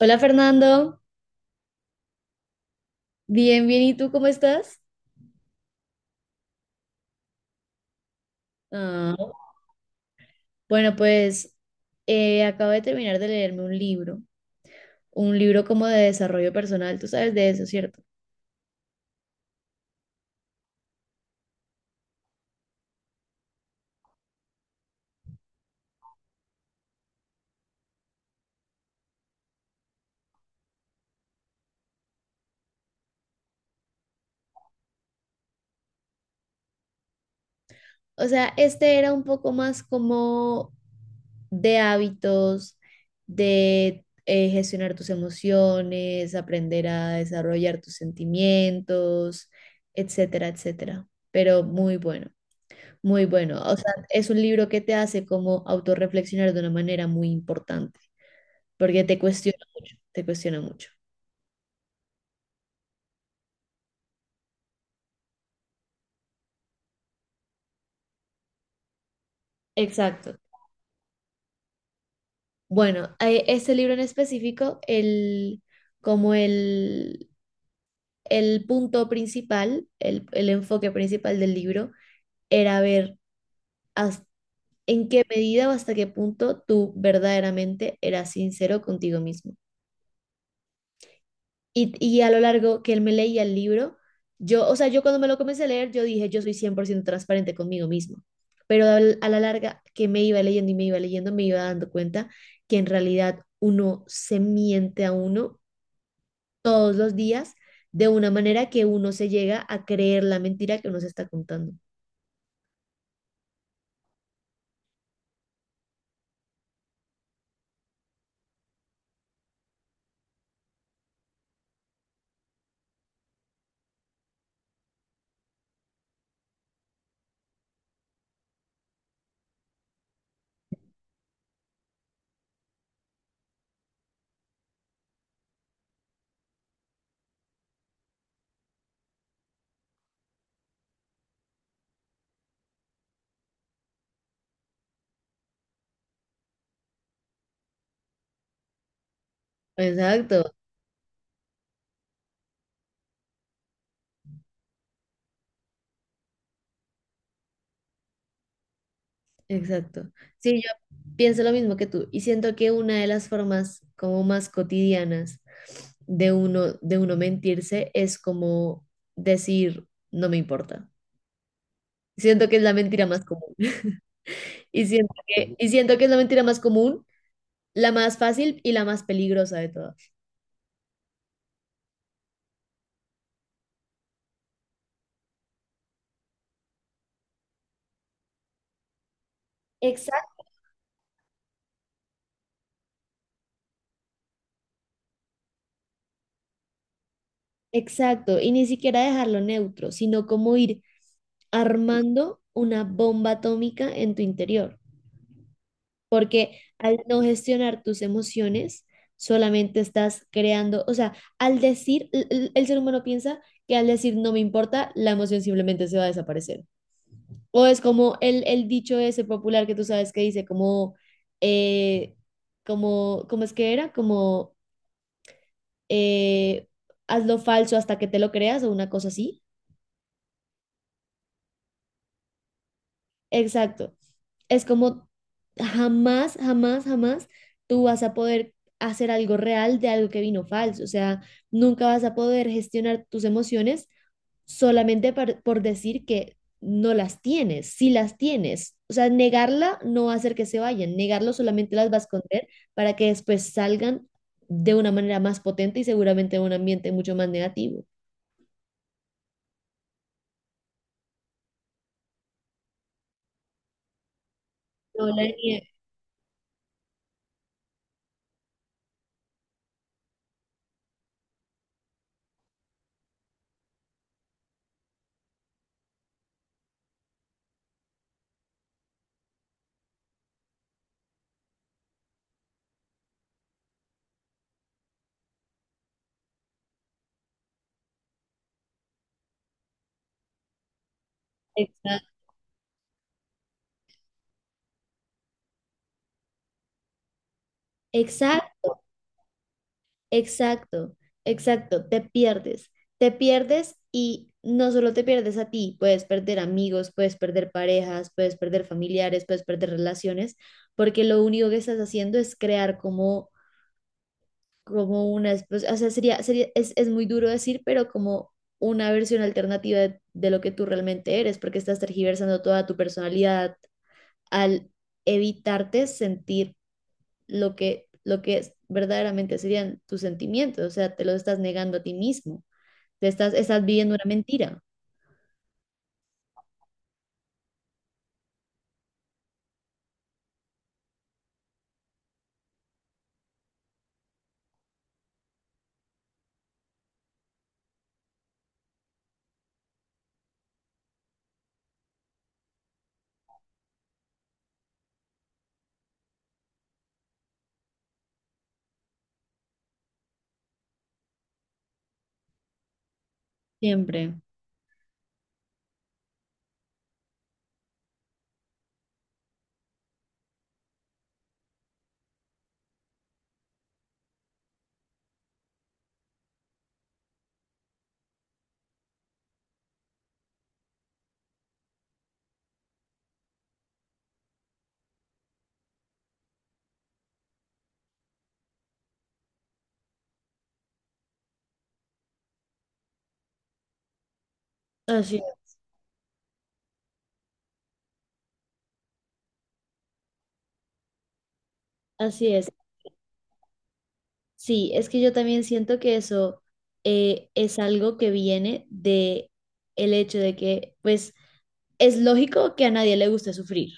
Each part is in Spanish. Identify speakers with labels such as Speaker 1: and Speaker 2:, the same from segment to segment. Speaker 1: Hola Fernando, bien, bien, ¿y tú cómo estás? Ah, bueno, pues acabo de terminar de leerme un libro como de desarrollo personal, tú sabes de eso, ¿cierto? O sea, este era un poco más como de hábitos, de gestionar tus emociones, aprender a desarrollar tus sentimientos, etcétera, etcétera. Pero muy bueno, muy bueno. O sea, es un libro que te hace como autorreflexionar de una manera muy importante, porque te cuestiona mucho, te cuestiona mucho. Exacto. Bueno, este libro en específico, como el punto principal, el enfoque principal del libro, era ver hasta- en qué medida o hasta qué punto tú verdaderamente eras sincero contigo mismo. Y a lo largo que él me leía el libro, o sea, yo cuando me lo comencé a leer, yo dije, yo soy 100% transparente conmigo mismo. Pero a la larga que me iba leyendo y me iba leyendo, me iba dando cuenta que en realidad uno se miente a uno todos los días de una manera que uno se llega a creer la mentira que uno se está contando. Exacto. Exacto. Sí, yo pienso lo mismo que tú y siento que una de las formas como más cotidianas de uno mentirse es como decir no me importa. Siento que es la mentira más común y siento que es la mentira más común, la más fácil y la más peligrosa de todas. Exacto. Exacto, y ni siquiera dejarlo neutro, sino como ir armando una bomba atómica en tu interior, porque al no gestionar tus emociones, solamente estás creando, o sea, al decir, el ser humano piensa que al decir no me importa, la emoción simplemente se va a desaparecer. O es como el dicho ese popular que tú sabes que dice como, eh, como, ¿cómo es que era? Como, eh, haz lo falso hasta que te lo creas o una cosa así. Exacto. Es como jamás, jamás, jamás tú vas a poder hacer algo real de algo que vino falso. O sea, nunca vas a poder gestionar tus emociones solamente decir que no las tienes, si las tienes. O sea, negarla no va a hacer que se vayan, negarlo solamente las va a esconder para que después salgan de una manera más potente y seguramente en un ambiente mucho más negativo. No la niegues. Exacto. Exacto, exacto, te pierdes y no solo te pierdes a ti, puedes perder amigos, puedes perder parejas, puedes perder familiares, puedes perder relaciones, porque lo único que estás haciendo es crear como, como o sea, es muy duro decir, pero como una versión alternativa de lo que tú realmente eres, porque estás tergiversando toda tu personalidad al evitarte sentir lo que es, verdaderamente serían tus sentimientos, o sea, te los estás negando a ti mismo, estás viviendo una mentira, siempre. Así, así es. Sí, es que yo también siento que eso es algo que viene de el hecho de que, pues, es lógico que a nadie le guste sufrir.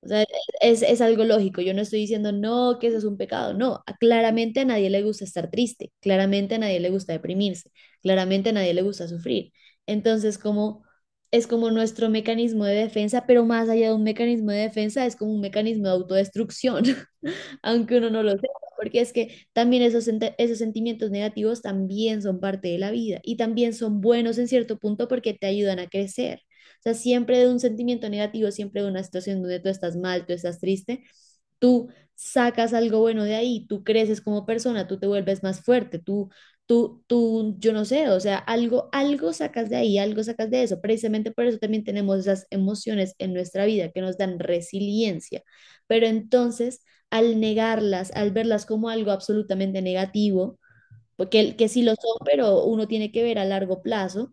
Speaker 1: O sea, es algo lógico. Yo no estoy diciendo no, que eso es un pecado. No, claramente a nadie le gusta estar triste, claramente a nadie le gusta deprimirse, claramente a nadie le gusta sufrir. Entonces, como es como nuestro mecanismo de defensa, pero más allá de un mecanismo de defensa, es como un mecanismo de autodestrucción. Aunque uno no lo sepa, porque es que también esos sentimientos negativos también son parte de la vida y también son buenos en cierto punto porque te ayudan a crecer. O sea, siempre de un sentimiento negativo, siempre de una situación donde tú estás mal, tú estás triste, tú sacas algo bueno de ahí, tú creces como persona, tú te vuelves más fuerte, yo no sé, o sea, algo, algo sacas de ahí, algo sacas de eso. Precisamente por eso también tenemos esas emociones en nuestra vida que nos dan resiliencia. Pero entonces al negarlas, al verlas como algo absolutamente negativo, porque que sí lo son, pero uno tiene que ver a largo plazo,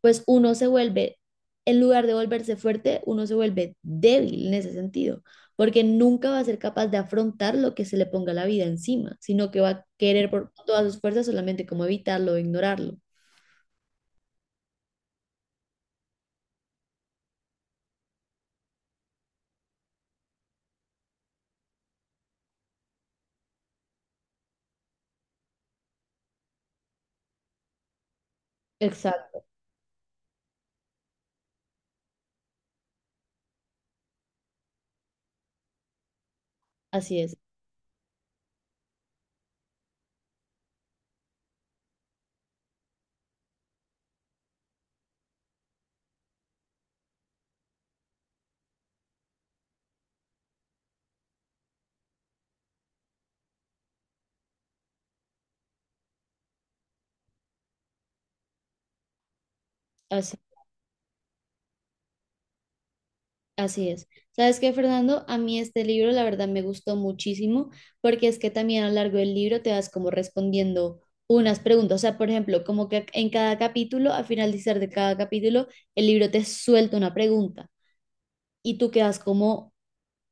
Speaker 1: pues uno se vuelve, en lugar de volverse fuerte, uno se vuelve débil en ese sentido, porque nunca va a ser capaz de afrontar lo que se le ponga la vida encima, sino que va a querer por todas sus fuerzas solamente como evitarlo o ignorarlo. Exacto, así es, así. Así es. ¿Sabes qué, Fernando? A mí este libro, la verdad, me gustó muchísimo porque es que también a lo largo del libro te vas como respondiendo unas preguntas. O sea, por ejemplo, como que en cada capítulo, al finalizar de cada capítulo, el libro te suelta una pregunta y tú quedas como,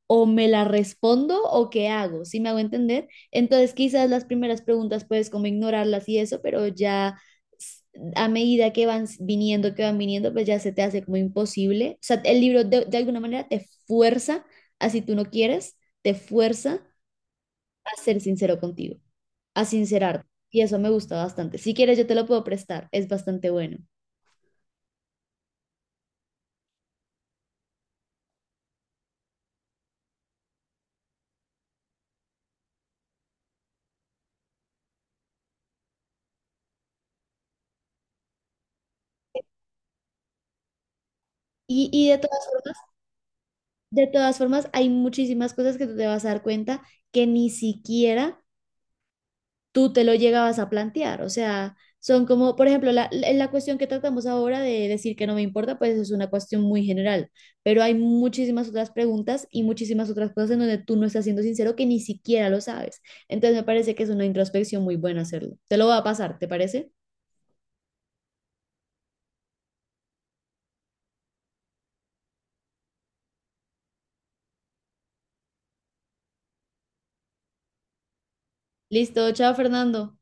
Speaker 1: o me la respondo o qué hago, ¿sí me hago entender? Entonces quizás las primeras preguntas puedes como ignorarlas y eso, pero ya s- a medida que viniendo, que van viniendo, pues ya se te hace como imposible. O sea, el libro de alguna manera te fuerza, así tú no quieres, te fuerza a ser sincero contigo, a sincerarte. Y eso me gusta bastante. Si quieres, yo te lo puedo prestar, es bastante bueno. Y de todas formas, hay muchísimas cosas que tú te vas a dar cuenta que ni siquiera tú te lo llegabas a plantear. O sea, son como, por ejemplo, la la cuestión que tratamos ahora de decir que no me importa, pues es una cuestión muy general, pero hay muchísimas otras preguntas y muchísimas otras cosas en donde tú no estás siendo sincero que ni siquiera lo sabes. Entonces me parece que es una introspección muy buena hacerlo. Te lo voy a pasar, ¿te parece? Listo, chao Fernando.